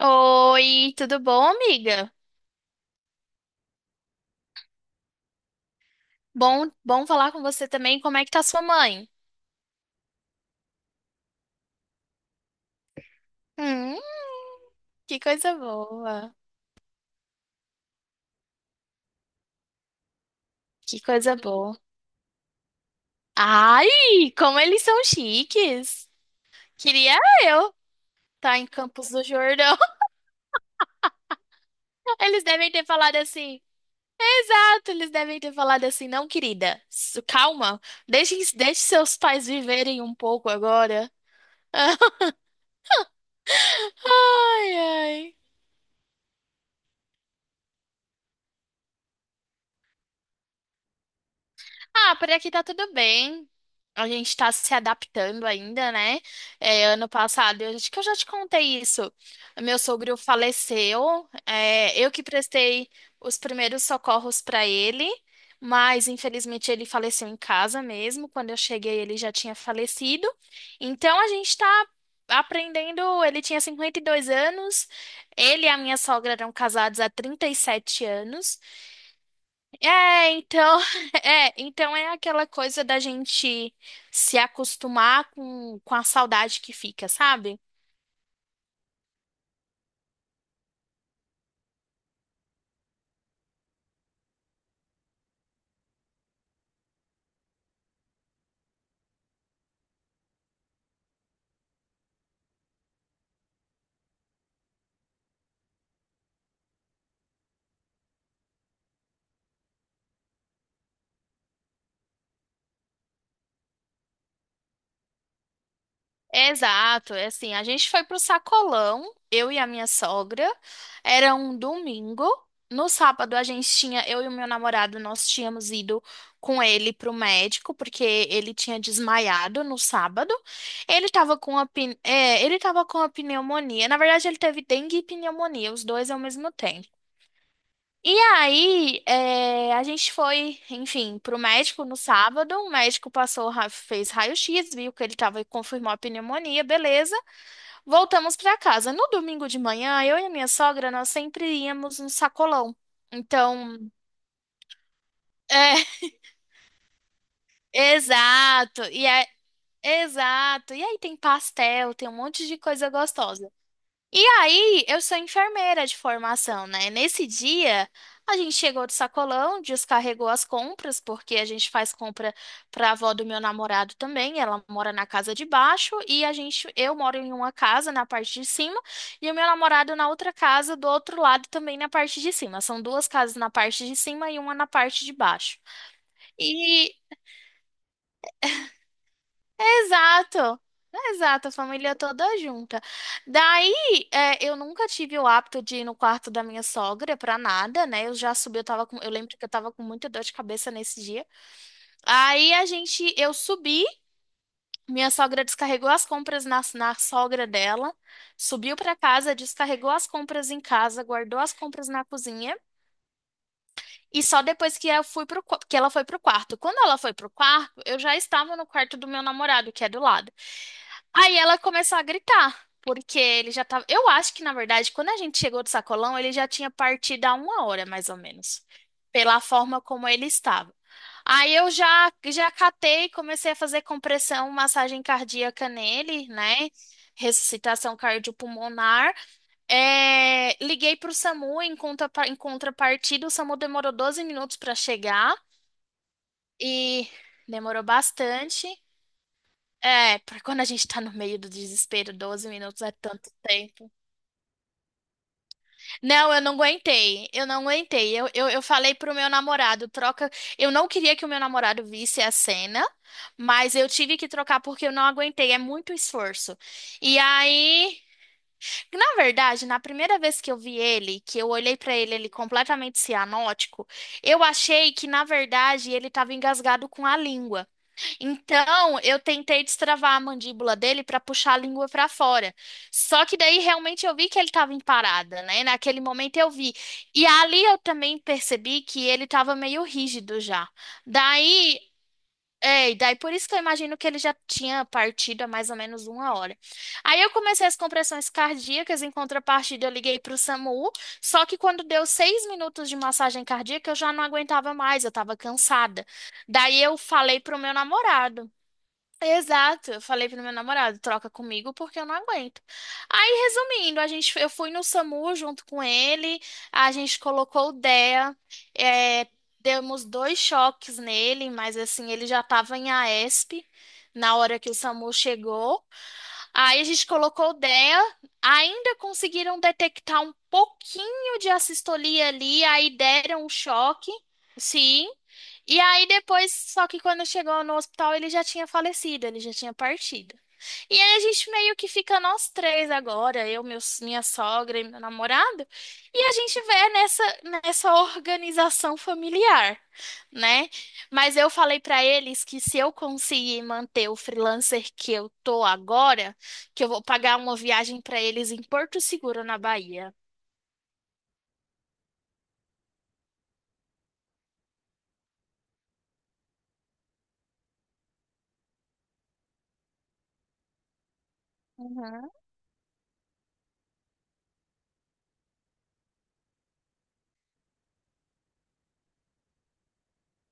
Oi, tudo bom, amiga? Bom falar com você também. Como é que tá sua mãe? Hum, que coisa boa. Que coisa boa. Ai, como eles são chiques. Queria eu estar em Campos do Jordão. Eles devem ter falado assim. Exato, eles devem ter falado assim, não, querida. Calma, deixe seus pais viverem um pouco agora. Ai, ai. Ah, por aqui tá tudo bem. A gente tá se adaptando ainda, né? É, ano passado, eu acho que eu já te contei isso. Meu sogro faleceu. É, eu que prestei os primeiros socorros pra ele, mas infelizmente ele faleceu em casa mesmo. Quando eu cheguei, ele já tinha falecido. Então a gente tá aprendendo. Ele tinha 52 anos. Ele e a minha sogra eram casados há 37 anos. É, então, é, então é aquela coisa da gente se acostumar com a saudade que fica, sabe? Exato, é assim, a gente foi pro sacolão, eu e a minha sogra, era um domingo. No sábado a gente tinha, eu e o meu namorado, nós tínhamos ido com ele pro médico, porque ele tinha desmaiado no sábado. Ele tava com a, ele tava com a pneumonia. Na verdade, ele teve dengue e pneumonia, os dois ao mesmo tempo. E aí, a gente foi, enfim, pro médico no sábado. O médico passou, fez raio-x, viu que ele tava e confirmou a pneumonia, beleza. Voltamos pra casa. No domingo de manhã, eu e a minha sogra, nós sempre íamos no sacolão. Então, é, exato. E é, exato. E aí tem pastel, tem um monte de coisa gostosa. E aí, eu sou enfermeira de formação, né? Nesse dia, a gente chegou do sacolão, descarregou as compras, porque a gente faz compra para a avó do meu namorado também. Ela mora na casa de baixo e eu moro em uma casa na parte de cima e o meu namorado na outra casa do outro lado também na parte de cima. São duas casas na parte de cima e uma na parte de baixo. E Exato. Exato, a família toda junta. Daí, eu nunca tive o hábito de ir no quarto da minha sogra pra nada, né? Eu já subi, eu lembro que eu tava com muita dor de cabeça nesse dia. Aí eu subi, minha sogra descarregou as compras na sogra dela, subiu pra casa, descarregou as compras em casa, guardou as compras na cozinha e só depois que eu fui que ela foi pro quarto. Quando ela foi pro quarto, eu já estava no quarto do meu namorado, que é do lado. Aí ela começou a gritar, porque ele já tava. Eu acho que, na verdade, quando a gente chegou do sacolão, ele já tinha partido há uma hora, mais ou menos, pela forma como ele estava. Aí eu já catei, comecei a fazer compressão, massagem cardíaca nele, né? Ressuscitação cardiopulmonar. É, liguei para o SAMU em contrapartida, o SAMU demorou 12 minutos para chegar e demorou bastante. É, pra quando a gente tá no meio do desespero, 12 minutos é tanto tempo. Não, eu não aguentei, eu não aguentei. Eu falei pro meu namorado, troca. Eu não queria que o meu namorado visse a cena, mas eu tive que trocar porque eu não aguentei, é muito esforço. E aí, na verdade, na primeira vez que eu vi ele, que eu olhei pra ele, ele completamente cianótico, eu achei que, na verdade, ele tava engasgado com a língua. Então, eu tentei destravar a mandíbula dele para puxar a língua para fora. Só que daí realmente eu vi que ele estava em parada, né? Naquele momento eu vi. E ali eu também percebi que ele estava meio rígido já. Daí, e daí por isso que eu imagino que ele já tinha partido há mais ou menos uma hora. Aí eu comecei as compressões cardíacas, em contrapartida eu liguei para o SAMU. Só que quando deu 6 minutos de massagem cardíaca, eu já não aguentava mais, eu estava cansada. Daí eu falei pro meu namorado. Exato, eu falei pro meu namorado, troca comigo porque eu não aguento. Aí, resumindo, eu fui no SAMU junto com ele, a gente colocou o DEA, é, demos dois choques nele, mas assim, ele já estava em AESP na hora que o SAMU chegou. Aí a gente colocou o DEA, ainda conseguiram detectar um pouquinho de assistolia ali, aí deram um choque, sim. E aí depois, só que quando chegou no hospital, ele já tinha falecido, ele já tinha partido. E aí a gente meio que fica nós três agora, eu, minha sogra e meu namorado, e a gente vê nessa, organização familiar, né? Mas eu falei pra eles que se eu conseguir manter o freelancer que eu tô agora, que eu vou pagar uma viagem para eles em Porto Seguro, na Bahia. Uhum.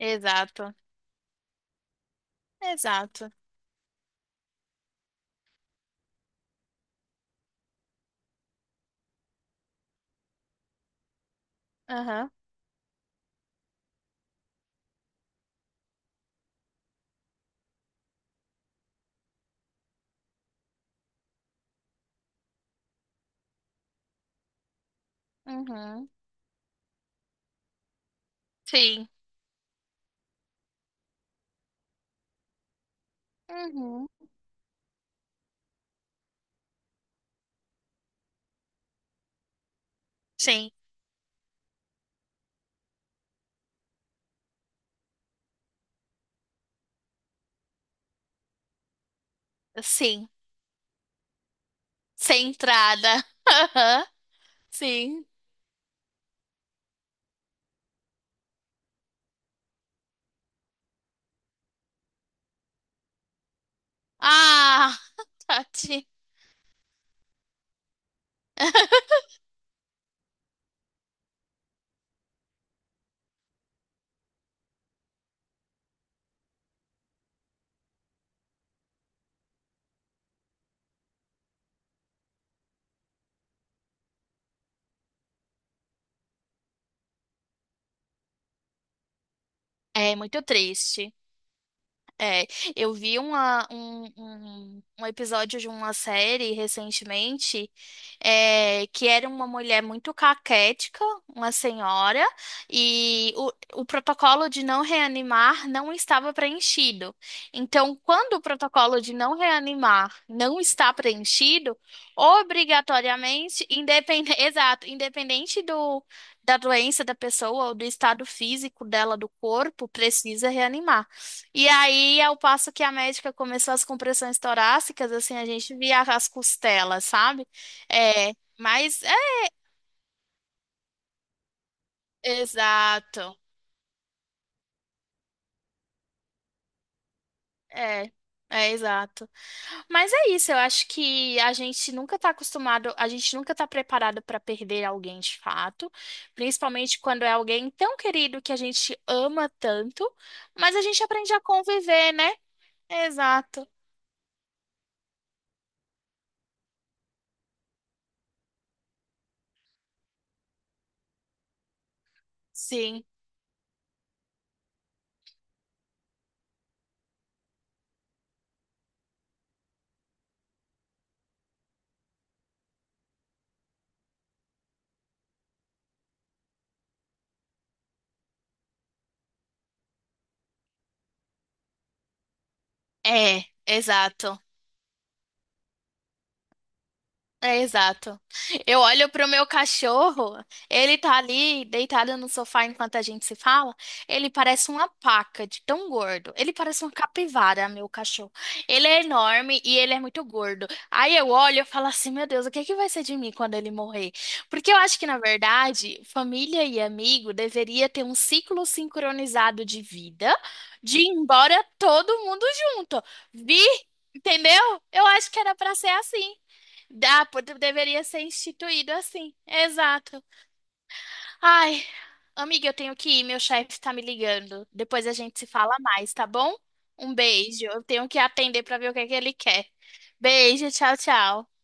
Exato, exato. Aham, uhum. Sim. Uhum. Sim, sim. Sem entrada. Aham, sim. Ah, Tati. É muito triste. É, eu vi um episódio de uma série recentemente, que era uma mulher muito caquética, uma senhora, e o protocolo de não reanimar não estava preenchido. Então, quando o protocolo de não reanimar não está preenchido, obrigatoriamente, independente, exato, independente da doença da pessoa ou do estado físico dela, do corpo, precisa reanimar. E aí, ao passo que a médica começou as compressões torácicas, assim, a gente via as costelas, sabe? É, mas é exato. É, é, exato. Mas é isso, eu acho que a gente nunca tá acostumado, a gente nunca tá preparado para perder alguém de fato, principalmente quando é alguém tão querido que a gente ama tanto, mas a gente aprende a conviver, né? Exato. Sim. É, exato. É, exato. Eu olho pro meu cachorro, ele tá ali deitado no sofá enquanto a gente se fala. Ele parece uma paca de tão gordo. Ele parece uma capivara, meu cachorro. Ele é enorme e ele é muito gordo. Aí eu olho e falo assim, meu Deus, o que é que vai ser de mim quando ele morrer? Porque eu acho que, na verdade, família e amigo deveria ter um ciclo sincronizado de vida, de ir embora todo mundo junto. Vi, entendeu? Eu acho que era pra ser assim deveria ser instituído assim. Exato. Ai, amiga, eu tenho que ir, meu chefe tá me ligando. Depois a gente se fala mais, tá bom? Um beijo. Eu tenho que atender pra ver o que é que ele quer. Beijo, tchau, tchau.